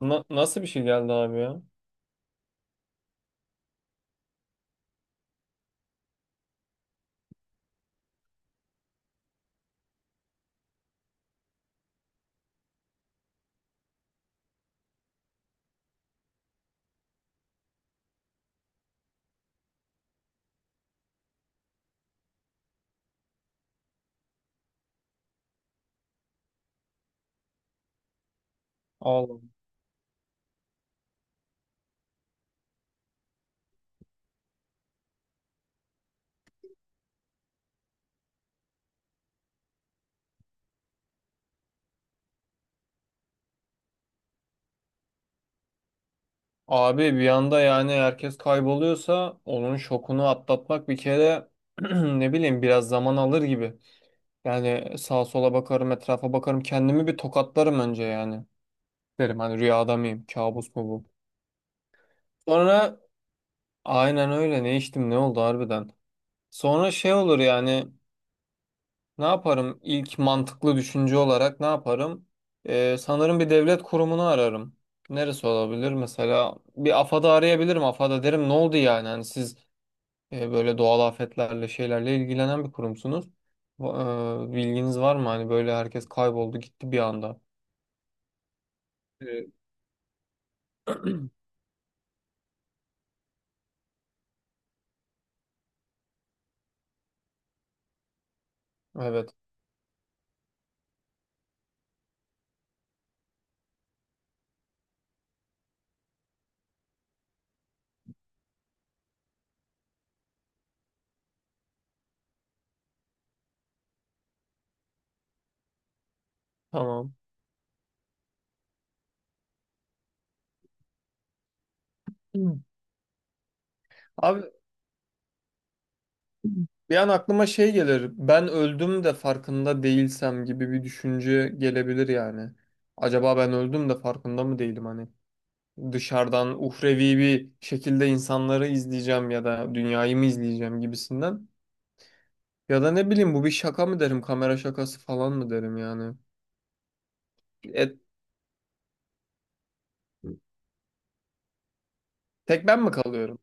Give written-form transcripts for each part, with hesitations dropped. Nasıl bir şey geldi abi ya? Allah. Abi bir anda yani herkes kayboluyorsa onun şokunu atlatmak bir kere, ne bileyim biraz zaman alır gibi. Yani sağa sola bakarım, etrafa bakarım, kendimi bir tokatlarım önce yani. Derim hani rüyada mıyım, kabus mu bu? Sonra aynen öyle, ne içtim ne oldu harbiden. Sonra şey olur yani. Ne yaparım? İlk mantıklı düşünce olarak ne yaparım? Sanırım bir devlet kurumunu ararım. Neresi olabilir? Mesela bir AFAD'ı arayabilirim. AFAD'a derim ne oldu yani? Hani siz böyle doğal afetlerle şeylerle ilgilenen bir kurumsunuz. Bilginiz var mı? Hani böyle herkes kayboldu gitti bir anda. Ee, Evet. Tamam. Hı. Abi bir an aklıma şey gelir. Ben öldüm de farkında değilsem gibi bir düşünce gelebilir yani. Acaba ben öldüm de farkında mı değilim hani? Dışarıdan uhrevi bir şekilde insanları izleyeceğim ya da dünyayı mı izleyeceğim gibisinden. Ya da ne bileyim, bu bir şaka mı derim, kamera şakası falan mı derim yani. E, tek ben mi kalıyorum?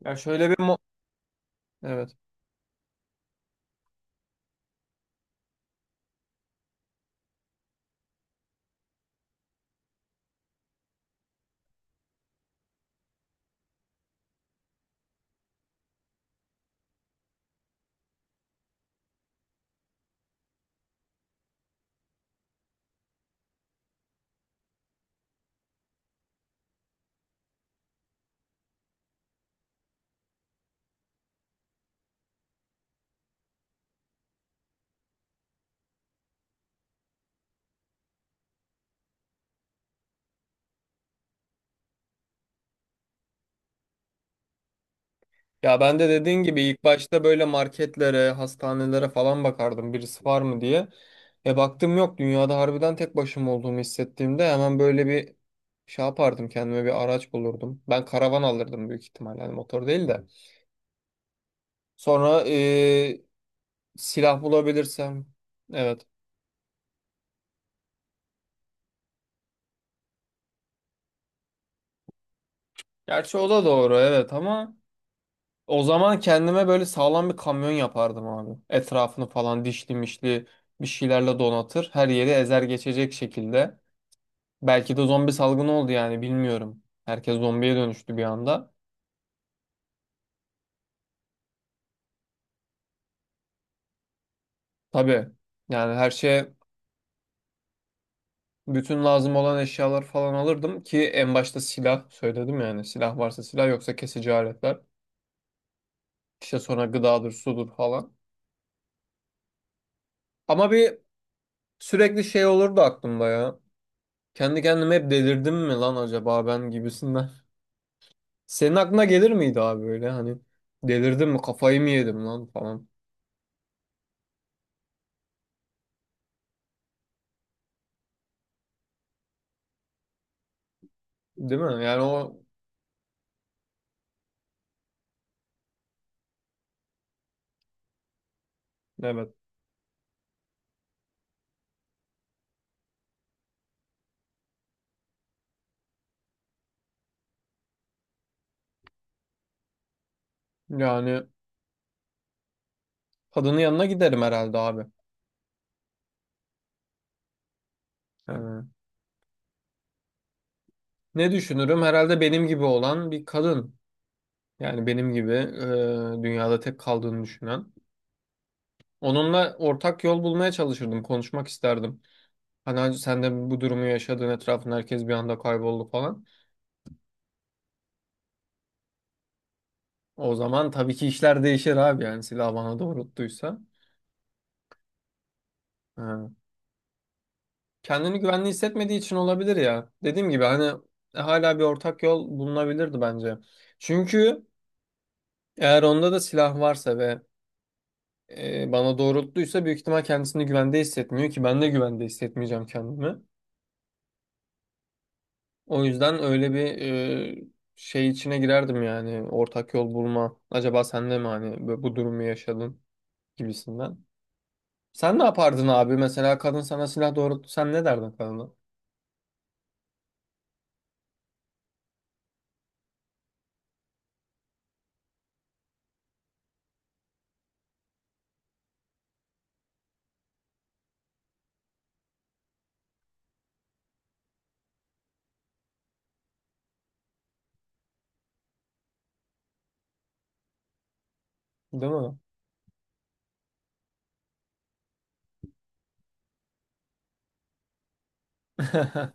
Ya şöyle bir evet. Ya ben de dediğin gibi ilk başta böyle marketlere, hastanelere falan bakardım birisi var mı diye. E baktım yok, dünyada harbiden tek başıma olduğumu hissettiğimde hemen böyle bir şey yapardım, kendime bir araç bulurdum. Ben karavan alırdım büyük ihtimalle, yani motor değil de. Sonra silah bulabilirsem. Evet. Gerçi o da doğru evet, ama o zaman kendime böyle sağlam bir kamyon yapardım abi. Etrafını falan dişli mişli bir şeylerle donatır. Her yeri ezer geçecek şekilde. Belki de zombi salgını oldu yani, bilmiyorum. Herkes zombiye dönüştü bir anda. Tabii yani her şeye, bütün lazım olan eşyalar falan alırdım ki en başta silah söyledim, yani silah varsa silah, yoksa kesici aletler. İşte sonra gıdadır sudur falan. Ama bir sürekli şey olurdu aklımda ya. Kendi kendime hep delirdim mi lan acaba ben gibisinden. Senin aklına gelir miydi abi böyle hani delirdim mi, kafayı mı yedim lan falan. Değil mi? Yani o evet. Yani kadının yanına giderim herhalde abi. Yani ne düşünürüm? Herhalde benim gibi olan bir kadın. Yani benim gibi, dünyada tek kaldığını düşünen. Onunla ortak yol bulmaya çalışırdım. Konuşmak isterdim. Hani "Hacı, sen de bu durumu yaşadığın, etrafında herkes bir anda kayboldu falan." O zaman tabii ki işler değişir abi, yani silah bana doğrulttuysa. Ha. Kendini güvenli hissetmediği için olabilir ya. Dediğim gibi hani, hala bir ortak yol bulunabilirdi bence. Çünkü eğer onda da silah varsa ve bana doğrulttuysa, büyük ihtimal kendisini güvende hissetmiyor ki, ben de güvende hissetmeyeceğim kendimi. O yüzden öyle bir e, şey içine girerdim, yani ortak yol bulma. Acaba sen de mi hani bu durumu yaşadın gibisinden. Sen ne yapardın abi? Mesela kadın sana silah doğrulttu. Sen ne derdin kadına? Değil mi?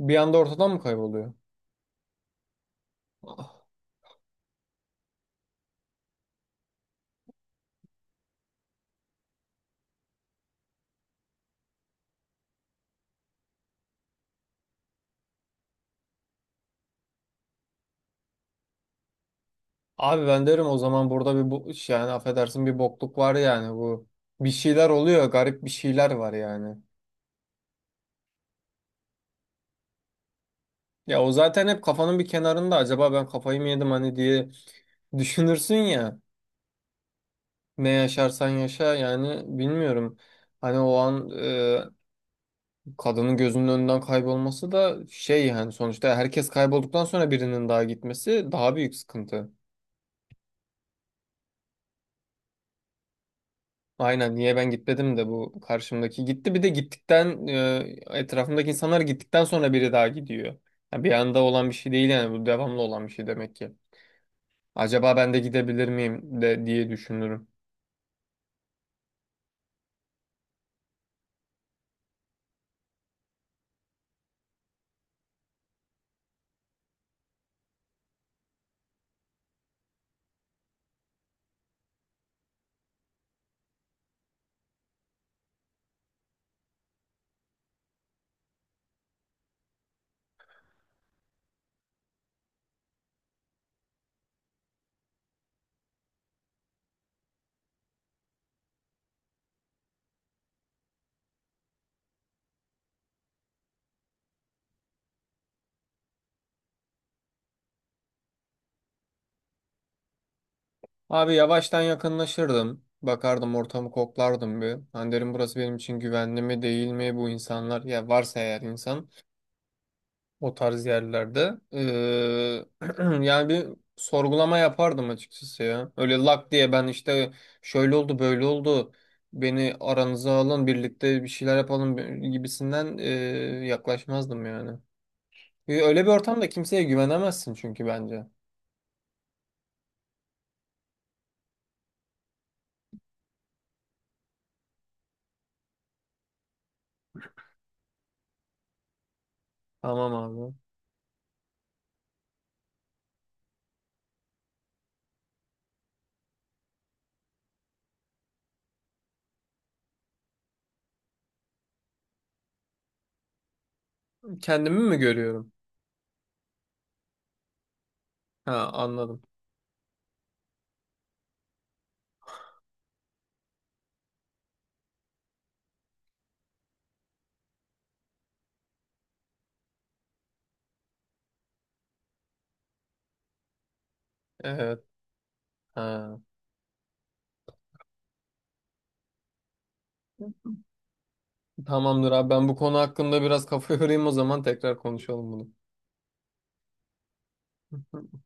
Bir anda ortadan mı kayboluyor? Ah. Abi ben derim o zaman, burada bir, bu iş yani affedersin bir bokluk var yani bu. Bir şeyler oluyor. Garip bir şeyler var yani. Ya o zaten hep kafanın bir kenarında, acaba ben kafayı mı yedim hani diye düşünürsün ya. Ne yaşarsan yaşa yani, bilmiyorum. Hani o an kadının gözünün önünden kaybolması da şey yani, sonuçta herkes kaybolduktan sonra birinin daha gitmesi daha büyük sıkıntı. Aynen, niye ben gitmedim de bu karşımdaki gitti, bir de gittikten etrafımdaki insanlar gittikten sonra biri daha gidiyor. Yani bir anda olan bir şey değil yani, bu devamlı olan bir şey demek ki. Acaba ben de gidebilir miyim de diye düşünürüm. Abi yavaştan yakınlaşırdım. Bakardım, ortamı koklardım bir. Hani derim burası benim için güvenli mi değil mi, bu insanlar ya varsa eğer insan o tarz yerlerde. Yani bir sorgulama yapardım açıkçası ya. Öyle lak diye ben işte şöyle oldu böyle oldu, beni aranıza alın birlikte bir şeyler yapalım gibisinden yaklaşmazdım yani. Öyle bir ortamda kimseye güvenemezsin çünkü, bence. Tamam abi. Kendimi mi görüyorum? Ha, anladım. Evet. Ha. Tamamdır abi, ben bu konu hakkında biraz kafa yorayım, o zaman tekrar konuşalım bunu.